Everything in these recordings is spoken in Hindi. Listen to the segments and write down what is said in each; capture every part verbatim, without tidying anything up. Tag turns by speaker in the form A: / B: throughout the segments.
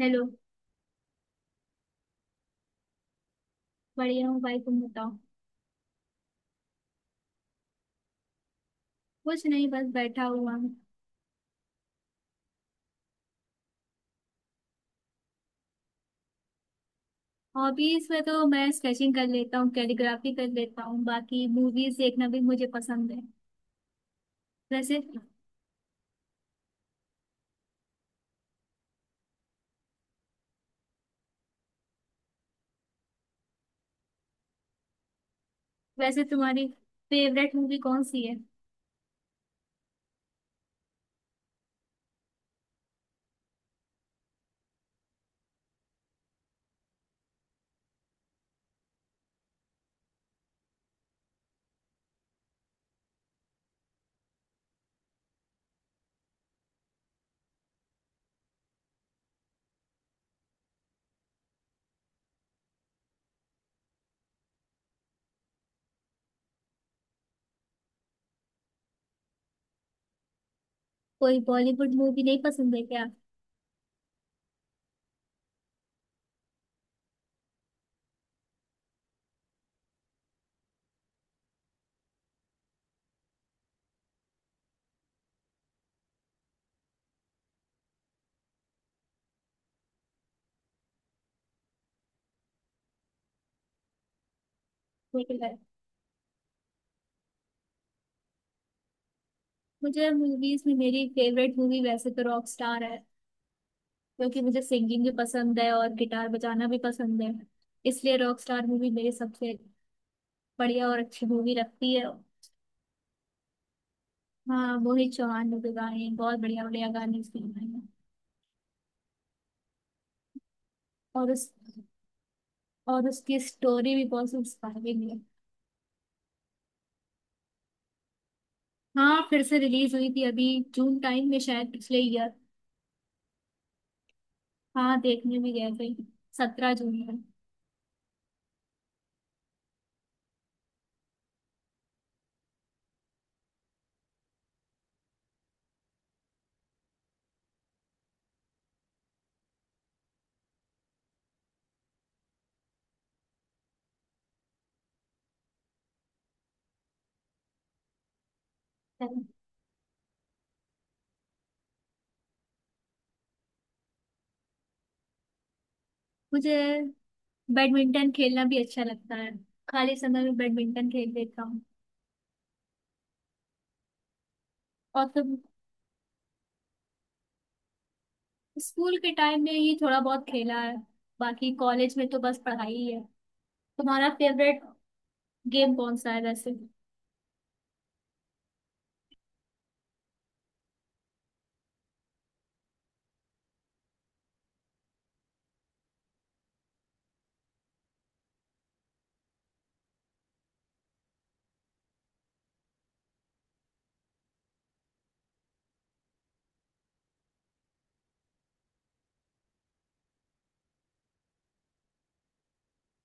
A: हेलो। बढ़िया हूँ भाई, तुम बताओ। कुछ नहीं, बस बैठा हुआ हूँ। हॉबीज में तो मैं स्केचिंग कर लेता हूँ, कैलीग्राफी कर लेता हूँ, बाकी मूवीज देखना भी मुझे पसंद है। वैसे वैसे तुम्हारी फेवरेट मूवी कौन सी है? कोई बॉलीवुड मूवी नहीं पसंद है क्या? देखिए, मुझे मूवीज में मेरी फेवरेट मूवी वैसे तो रॉक स्टार है, क्योंकि मुझे सिंगिंग भी पसंद है और गिटार बजाना भी पसंद है। इसलिए रॉक स्टार मूवी मेरी सबसे बढ़िया और अच्छी मूवी लगती है। हाँ, मोहित चौहान ने भी गाए हैं, बहुत बढ़िया बढ़िया गाने उसके गाए हैं। और उस और उसकी स्टोरी भी बहुत इंस्पायरिंग है। हाँ, फिर से रिलीज हुई थी अभी, जून टाइम में शायद, पिछले ईयर। हाँ, देखने भी गए थे। सत्रह जून में। मुझे बैडमिंटन खेलना भी अच्छा लगता है, खाली समय में बैडमिंटन खेल लेता हूँ। और तो स्कूल के टाइम में ही थोड़ा बहुत खेला है, बाकी कॉलेज में तो बस पढ़ाई ही है। तुम्हारा फेवरेट गेम कौन सा है वैसे?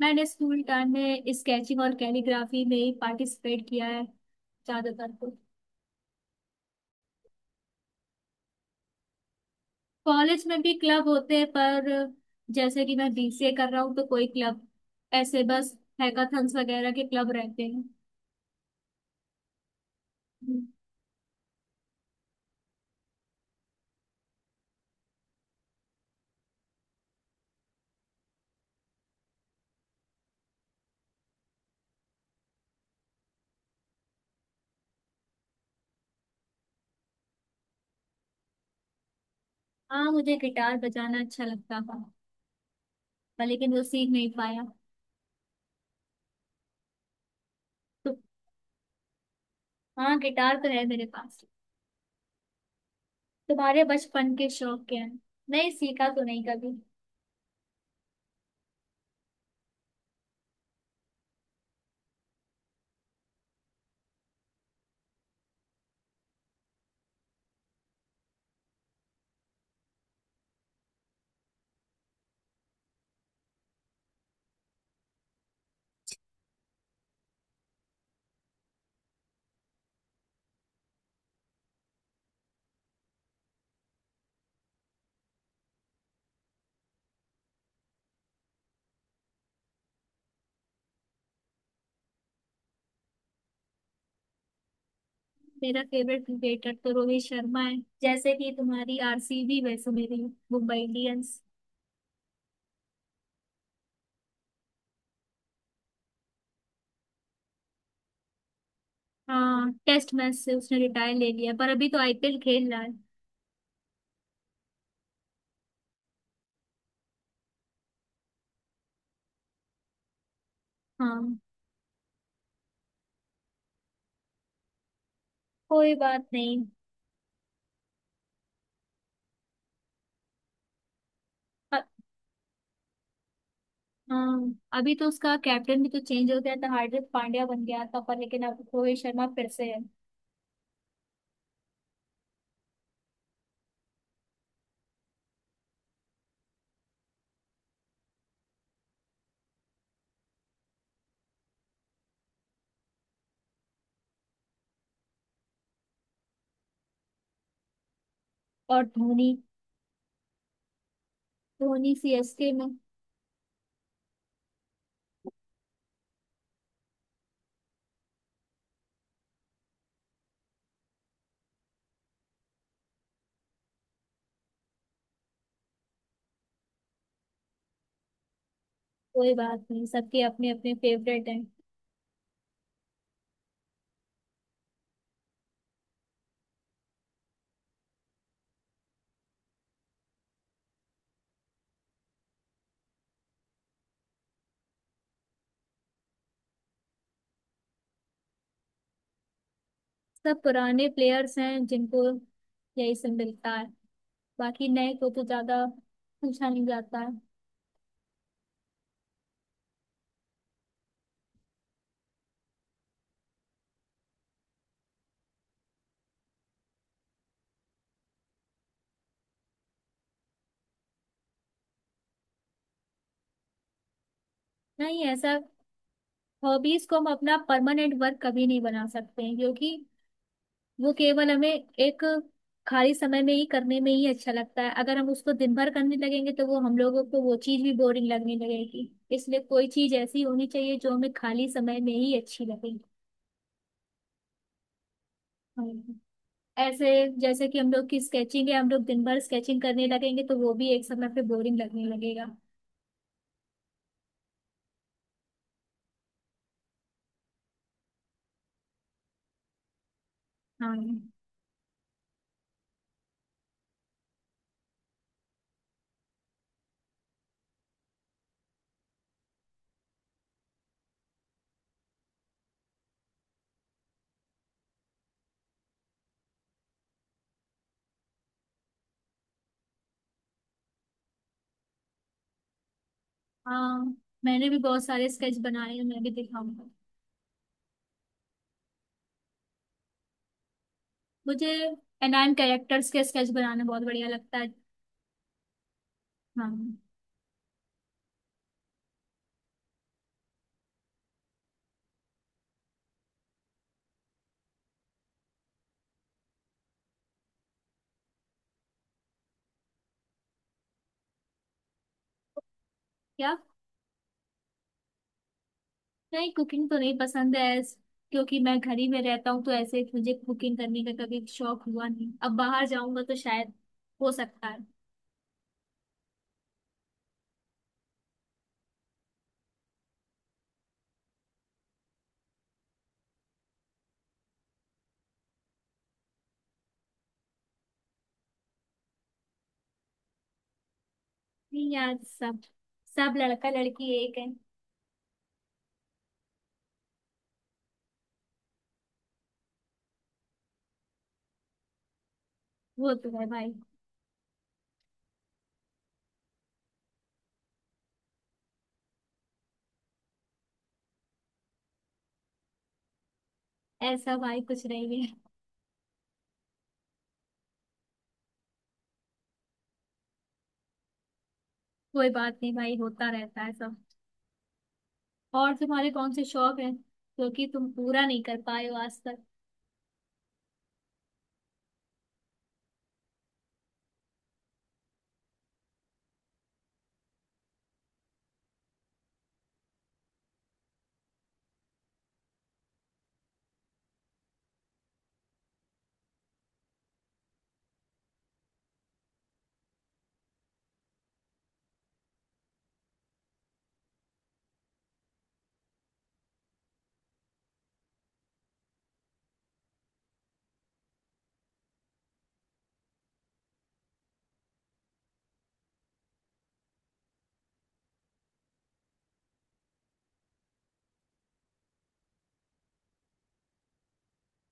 A: मैंने स्कूल टाइम में स्केचिंग और कैलीग्राफी में ही पार्टिसिपेट किया है ज्यादातर तो। कॉलेज में भी क्लब होते हैं, पर जैसे कि मैं बीसीए कर रहा हूँ तो कोई क्लब ऐसे बस हैकाथन्स वगैरह के क्लब रहते हैं। हम्म। हाँ, मुझे गिटार बजाना अच्छा लगता था, पर लेकिन वो सीख नहीं पाया। तो हाँ, गिटार तो है मेरे पास। तुम्हारे बचपन के शौक क्या हैं? नहीं, सीखा तो नहीं कभी। मेरा फेवरेट क्रिकेटर तो रोहित शर्मा है, जैसे कि तुम्हारी आरसीबी, वैसे मेरी मुंबई इंडियंस। हाँ, टेस्ट मैच से उसने रिटायर ले लिया, पर अभी तो आईपीएल खेल रहा है। हाँ। कोई बात नहीं। अ- हाँ, अभी तो उसका कैप्टन भी तो चेंज हो गया था, हार्दिक पांड्या बन गया था, पर लेकिन अब रोहित शर्मा फिर से है। और धोनी धोनी, सीएसके में। कोई बात नहीं, सबके अपने अपने फेवरेट हैं। सब पुराने प्लेयर्स हैं जिनको यही सब मिलता है, बाकी नए को तो ज्यादा पूछा नहीं जाता है। नहीं, ऐसा हॉबीज को हम अपना परमानेंट वर्क कभी नहीं बना सकते हैं, क्योंकि वो केवल हमें एक खाली समय में ही करने में ही अच्छा लगता है। अगर हम उसको दिन भर करने लगेंगे तो वो हम लोगों को वो चीज भी बोरिंग लगने लगेगी। इसलिए कोई चीज ऐसी होनी चाहिए जो हमें खाली समय में ही अच्छी लगे। हम्म। ऐसे जैसे कि हम लोग की स्केचिंग है, हम लोग दिन भर स्केचिंग करने लगेंगे तो वो भी एक समय पे बोरिंग लगने लगेगा। हाँ। हाँ, मैंने भी बहुत सारे स्केच बनाए हैं, मैं भी दिखाऊंगा। मुझे एनाइम कैरेक्टर्स के स्केच बनाना बहुत बढ़िया लगता है। हाँ। क्या? नहीं, कुकिंग तो नहीं पसंद है। ऐस- क्योंकि मैं घर ही में रहता हूँ तो ऐसे मुझे कुकिंग करने का कभी शौक हुआ नहीं, अब बाहर जाऊंगा तो शायद हो सकता है। नहीं यार, सब सब लड़का लड़की एक है। वो तो है भाई। ऐसा भाई कुछ नहीं है। कोई बात नहीं भाई, होता रहता है सब। और तुम्हारे कौन से शौक है, क्योंकि तुम पूरा नहीं कर पाए हो आज तक?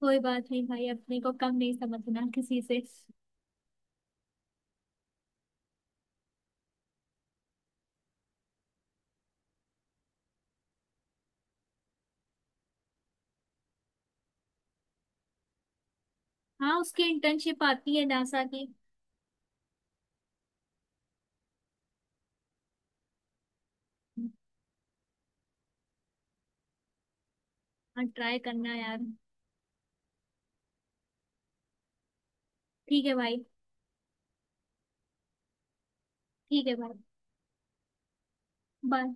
A: कोई बात नहीं भाई, अपने को कम नहीं समझना किसी से। हाँ, उसकी इंटर्नशिप आती है नासा की। हाँ, ट्राई करना यार। ठीक है भाई। ठीक है भाई। बाय।